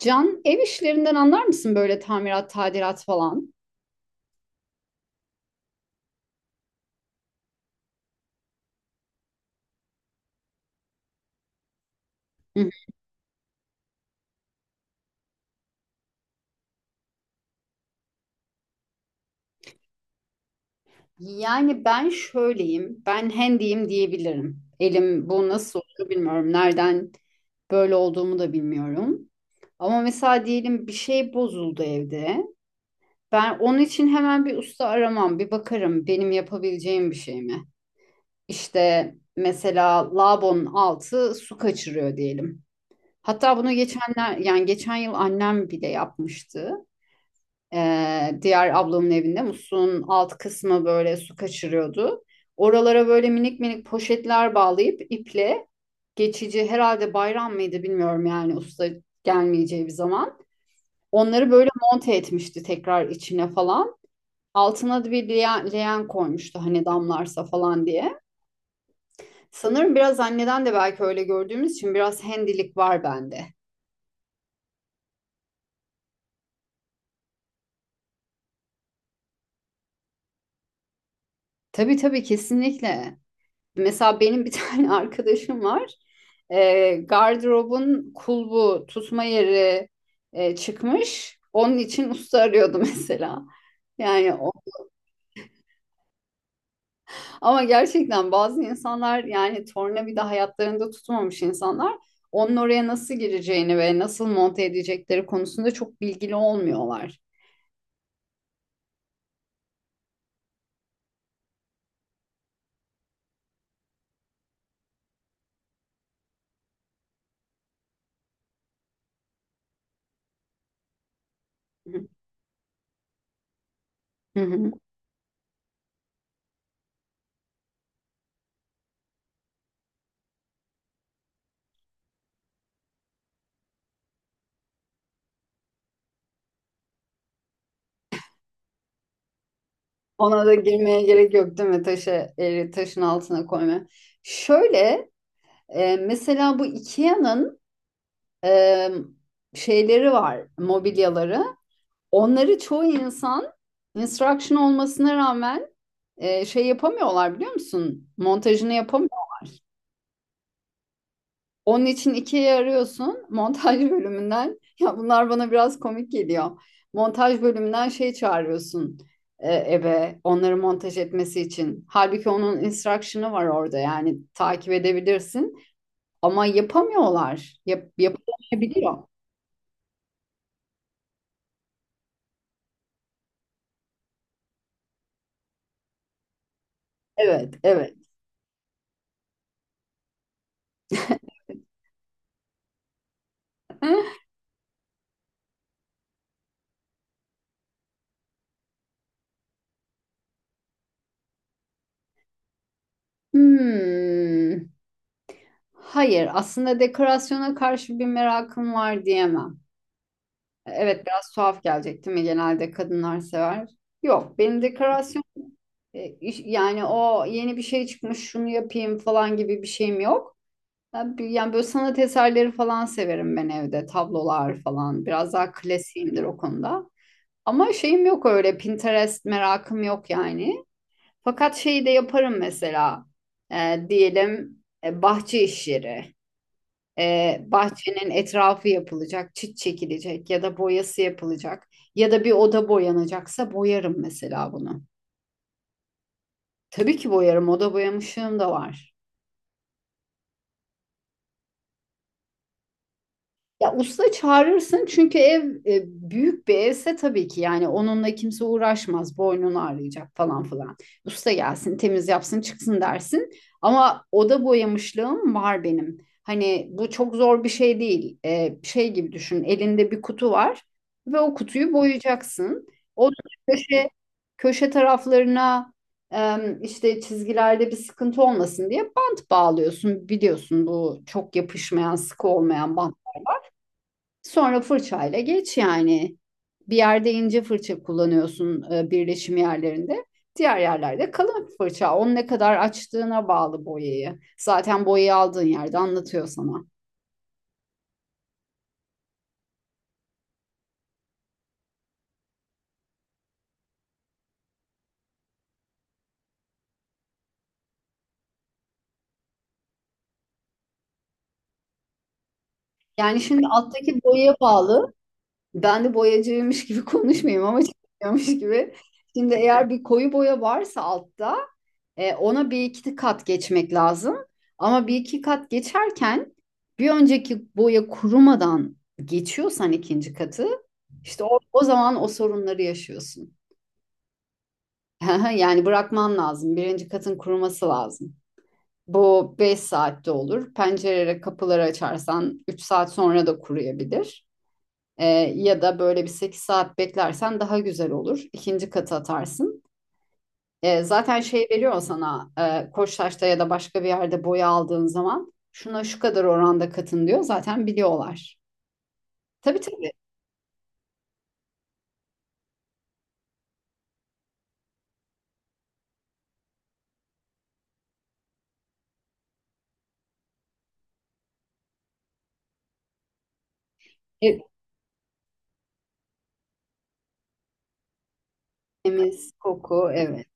Can, ev işlerinden anlar mısın böyle tamirat, tadilat falan? Hı hı. Yani ben şöyleyim, ben hendiyim diyebilirim. Elim bu nasıl oluyor bilmiyorum. Nereden böyle olduğumu da bilmiyorum. Ama mesela diyelim bir şey bozuldu evde. Ben onun için hemen bir usta aramam, bir bakarım benim yapabileceğim bir şey mi? İşte mesela lavabonun altı su kaçırıyor diyelim. Hatta bunu geçenler yani geçen yıl annem bile yapmıştı. Diğer ablamın evinde muslun alt kısmı böyle su kaçırıyordu. Oralara böyle minik minik poşetler bağlayıp iple geçici herhalde bayram mıydı bilmiyorum yani usta gelmeyeceği bir zaman. Onları böyle monte etmişti tekrar içine falan. Altına da bir leğen, leğen koymuştu hani damlarsa falan diye. Sanırım biraz anneden de belki öyle gördüğümüz için biraz hendilik var bende. Tabii tabii kesinlikle. Mesela benim bir tane arkadaşım var. Gardırobun kulbu, tutma yeri çıkmış. Onun için usta arıyordu mesela. Yani o. Ama gerçekten bazı insanlar yani tornavida hayatlarında tutmamış insanlar onun oraya nasıl gireceğini ve nasıl monte edecekleri konusunda çok bilgili olmuyorlar. Hı hı. Ona da girmeye gerek yok değil mi? Taşı, taşın altına koyma. Şöyle mesela bu IKEA'nın e, şeyleri var, mobilyaları. Onları çoğu insan instruction olmasına rağmen şey yapamıyorlar biliyor musun? Montajını yapamıyorlar. Onun için ikiye arıyorsun montaj bölümünden. Ya bunlar bana biraz komik geliyor. Montaj bölümünden şey çağırıyorsun eve onları montaj etmesi için. Halbuki onun instruction'ı var orada yani takip edebilirsin. Ama yapamıyorlar. Yapılamayabiliyor. Evet, evet. Hmm. Hayır, aslında dekorasyona karşı bir merakım var diyemem. Evet, biraz tuhaf gelecek değil mi? Genelde kadınlar sever. Yok, benim dekorasyon Yani o yeni bir şey çıkmış şunu yapayım falan gibi bir şeyim yok. Yani böyle sanat eserleri falan severim ben evde. Tablolar falan. Biraz daha klasiğimdir o konuda. Ama şeyim yok öyle. Pinterest merakım yok yani. Fakat şeyi de yaparım mesela. Diyelim bahçe işleri. Bahçenin etrafı yapılacak, çit çekilecek ya da boyası yapılacak. Ya da bir oda boyanacaksa boyarım mesela bunu. Tabii ki boyarım. Oda boyamışlığım da var. Ya usta çağırırsın çünkü ev büyük bir evse tabii ki yani onunla kimse uğraşmaz. Boynunu ağrıyacak falan filan. Usta gelsin temiz yapsın çıksın dersin. Ama oda boyamışlığım var benim. Hani bu çok zor bir şey değil. Şey gibi düşün elinde bir kutu var ve o kutuyu boyayacaksın. O köşe, köşe taraflarına e, işte çizgilerde bir sıkıntı olmasın diye bant bağlıyorsun. Biliyorsun bu çok yapışmayan sıkı olmayan bant. Sonra fırçayla geç yani. Bir yerde ince fırça kullanıyorsun birleşim yerlerinde. Diğer yerlerde kalın fırça. Onu ne kadar açtığına bağlı boyayı. Zaten boyayı aldığın yerde anlatıyor sana. Yani şimdi alttaki boyaya bağlı. Ben de boyacıymış gibi konuşmayayım ama çalışıyormuş gibi. Şimdi eğer bir koyu boya varsa altta ona bir iki kat geçmek lazım. Ama bir iki kat geçerken bir önceki boya kurumadan geçiyorsan ikinci katı işte o zaman o sorunları yaşıyorsun. Yani bırakman lazım. Birinci katın kuruması lazım. Bu 5 saatte olur. Pencerelere kapıları açarsan 3 saat sonra da kuruyabilir. E, Ya da böyle bir 8 saat beklersen daha güzel olur. İkinci katı atarsın. Zaten şey veriyor sana Koçtaş'ta ya da başka bir yerde boya aldığın zaman şuna şu kadar oranda katın diyor. Zaten biliyorlar. Tabii tabii. E, Temiz, koku evet.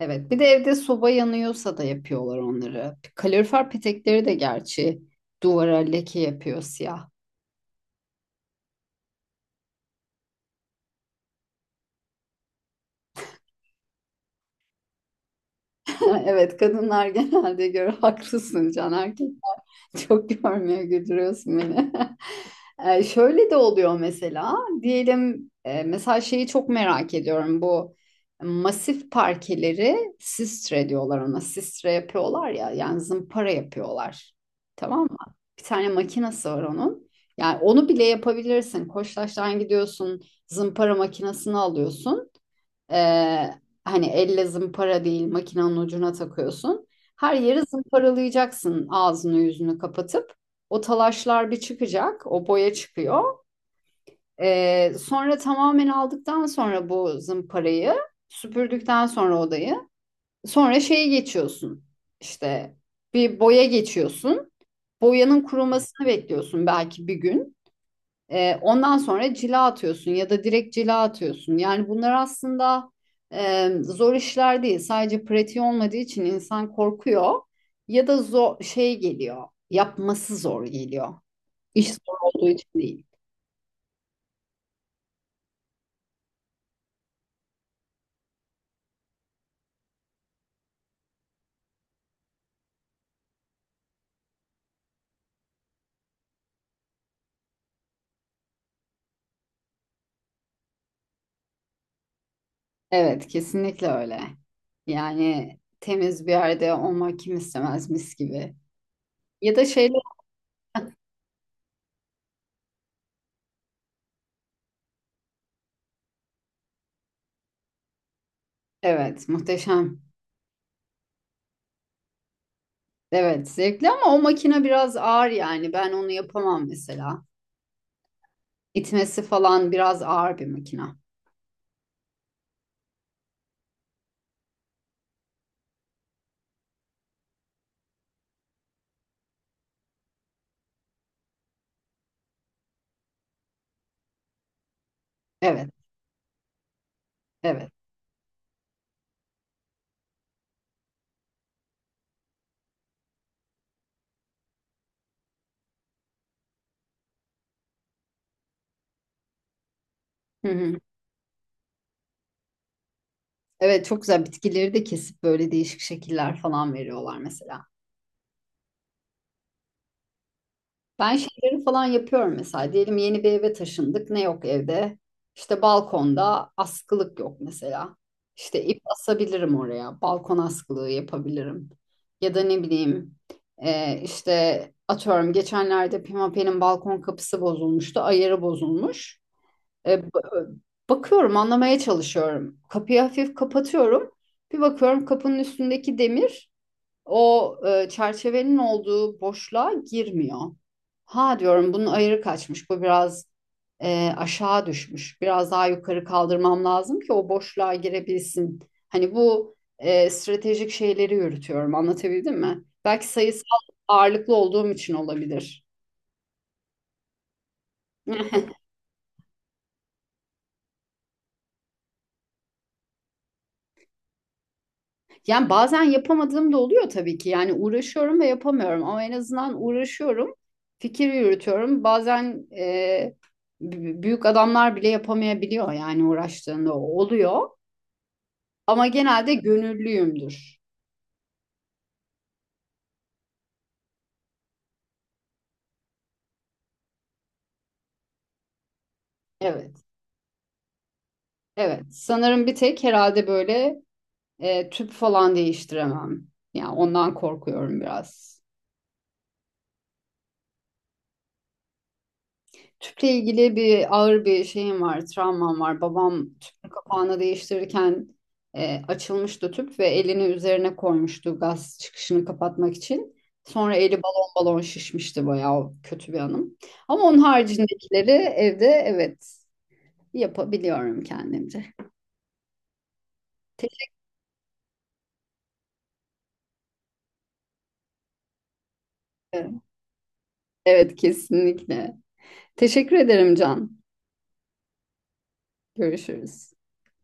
Evet. Bir de evde soba yanıyorsa da yapıyorlar onları. Kalorifer petekleri de gerçi duvara leke yapıyor siyah. Evet kadınlar genelde göre haklısın Can erkek. Çok görmüyor güldürüyorsun beni. Şöyle de oluyor mesela diyelim mesela şeyi çok merak ediyorum bu masif parkeleri sistre diyorlar ona sistre yapıyorlar ya yani zımpara yapıyorlar tamam mı? Bir tane makinesi var onun yani onu bile yapabilirsin Koçtaş'tan gidiyorsun zımpara makinesini alıyorsun, ee, hani elle zımpara değil makinenin ucuna takıyorsun. Her yeri zımparalayacaksın ağzını yüzünü kapatıp. O talaşlar bir çıkacak, o boya çıkıyor. Sonra tamamen aldıktan sonra bu zımparayı süpürdükten sonra odayı sonra şeye geçiyorsun. İşte bir boya geçiyorsun. Boyanın kurumasını bekliyorsun belki bir gün. Ondan sonra cila atıyorsun ya da direkt cila atıyorsun. Yani bunlar aslında zor işler değil. Sadece pratiği olmadığı için insan korkuyor ya da zor şey geliyor. Yapması zor geliyor. İş zor olduğu için değil. Evet, kesinlikle öyle. Yani temiz bir yerde olmak kim istemez mis gibi. Ya da şeyler, evet, muhteşem. Evet, zevkli ama o makine biraz ağır yani. Ben onu yapamam mesela. İtmesi falan biraz ağır bir makina. Evet, evet. Hı hı. Evet, çok güzel bitkileri de kesip böyle değişik şekiller falan veriyorlar mesela. Ben şeyleri falan yapıyorum mesela. Diyelim yeni bir eve taşındık. Ne yok evde? İşte balkonda askılık yok mesela. İşte ip asabilirim oraya. Balkon askılığı yapabilirim. Ya da ne bileyim işte atıyorum geçenlerde Pimapen'in balkon kapısı bozulmuştu. Ayarı bozulmuş. E, ba- bakıyorum anlamaya çalışıyorum. Kapıyı hafif kapatıyorum. Bir bakıyorum kapının üstündeki demir çerçevenin olduğu boşluğa girmiyor. Ha diyorum bunun ayarı kaçmış. Bu biraz aşağı düşmüş. Biraz daha yukarı kaldırmam lazım ki o boşluğa girebilsin. Hani bu stratejik şeyleri yürütüyorum. Anlatabildim mi? Belki sayısal ağırlıklı olduğum için olabilir. Yani bazen yapamadığım da oluyor tabii ki. Yani uğraşıyorum ve yapamıyorum ama en azından uğraşıyorum. Fikir yürütüyorum. Bazen büyük adamlar bile yapamayabiliyor yani uğraştığında o oluyor. Ama genelde gönüllüyümdür. Evet. Evet. Sanırım bir tek herhalde böyle tüp falan değiştiremem. Yani ondan korkuyorum biraz. Tüple ilgili bir ağır bir şeyim var, travmam var. Babam tüpün kapağını değiştirirken açılmıştı tüp ve elini üzerine koymuştu gaz çıkışını kapatmak için. Sonra eli balon balon şişmişti bayağı kötü bir anım. Ama onun haricindekileri evde evet yapabiliyorum kendimce. Teşekkür ederim. Evet kesinlikle. Teşekkür ederim Can. Görüşürüz.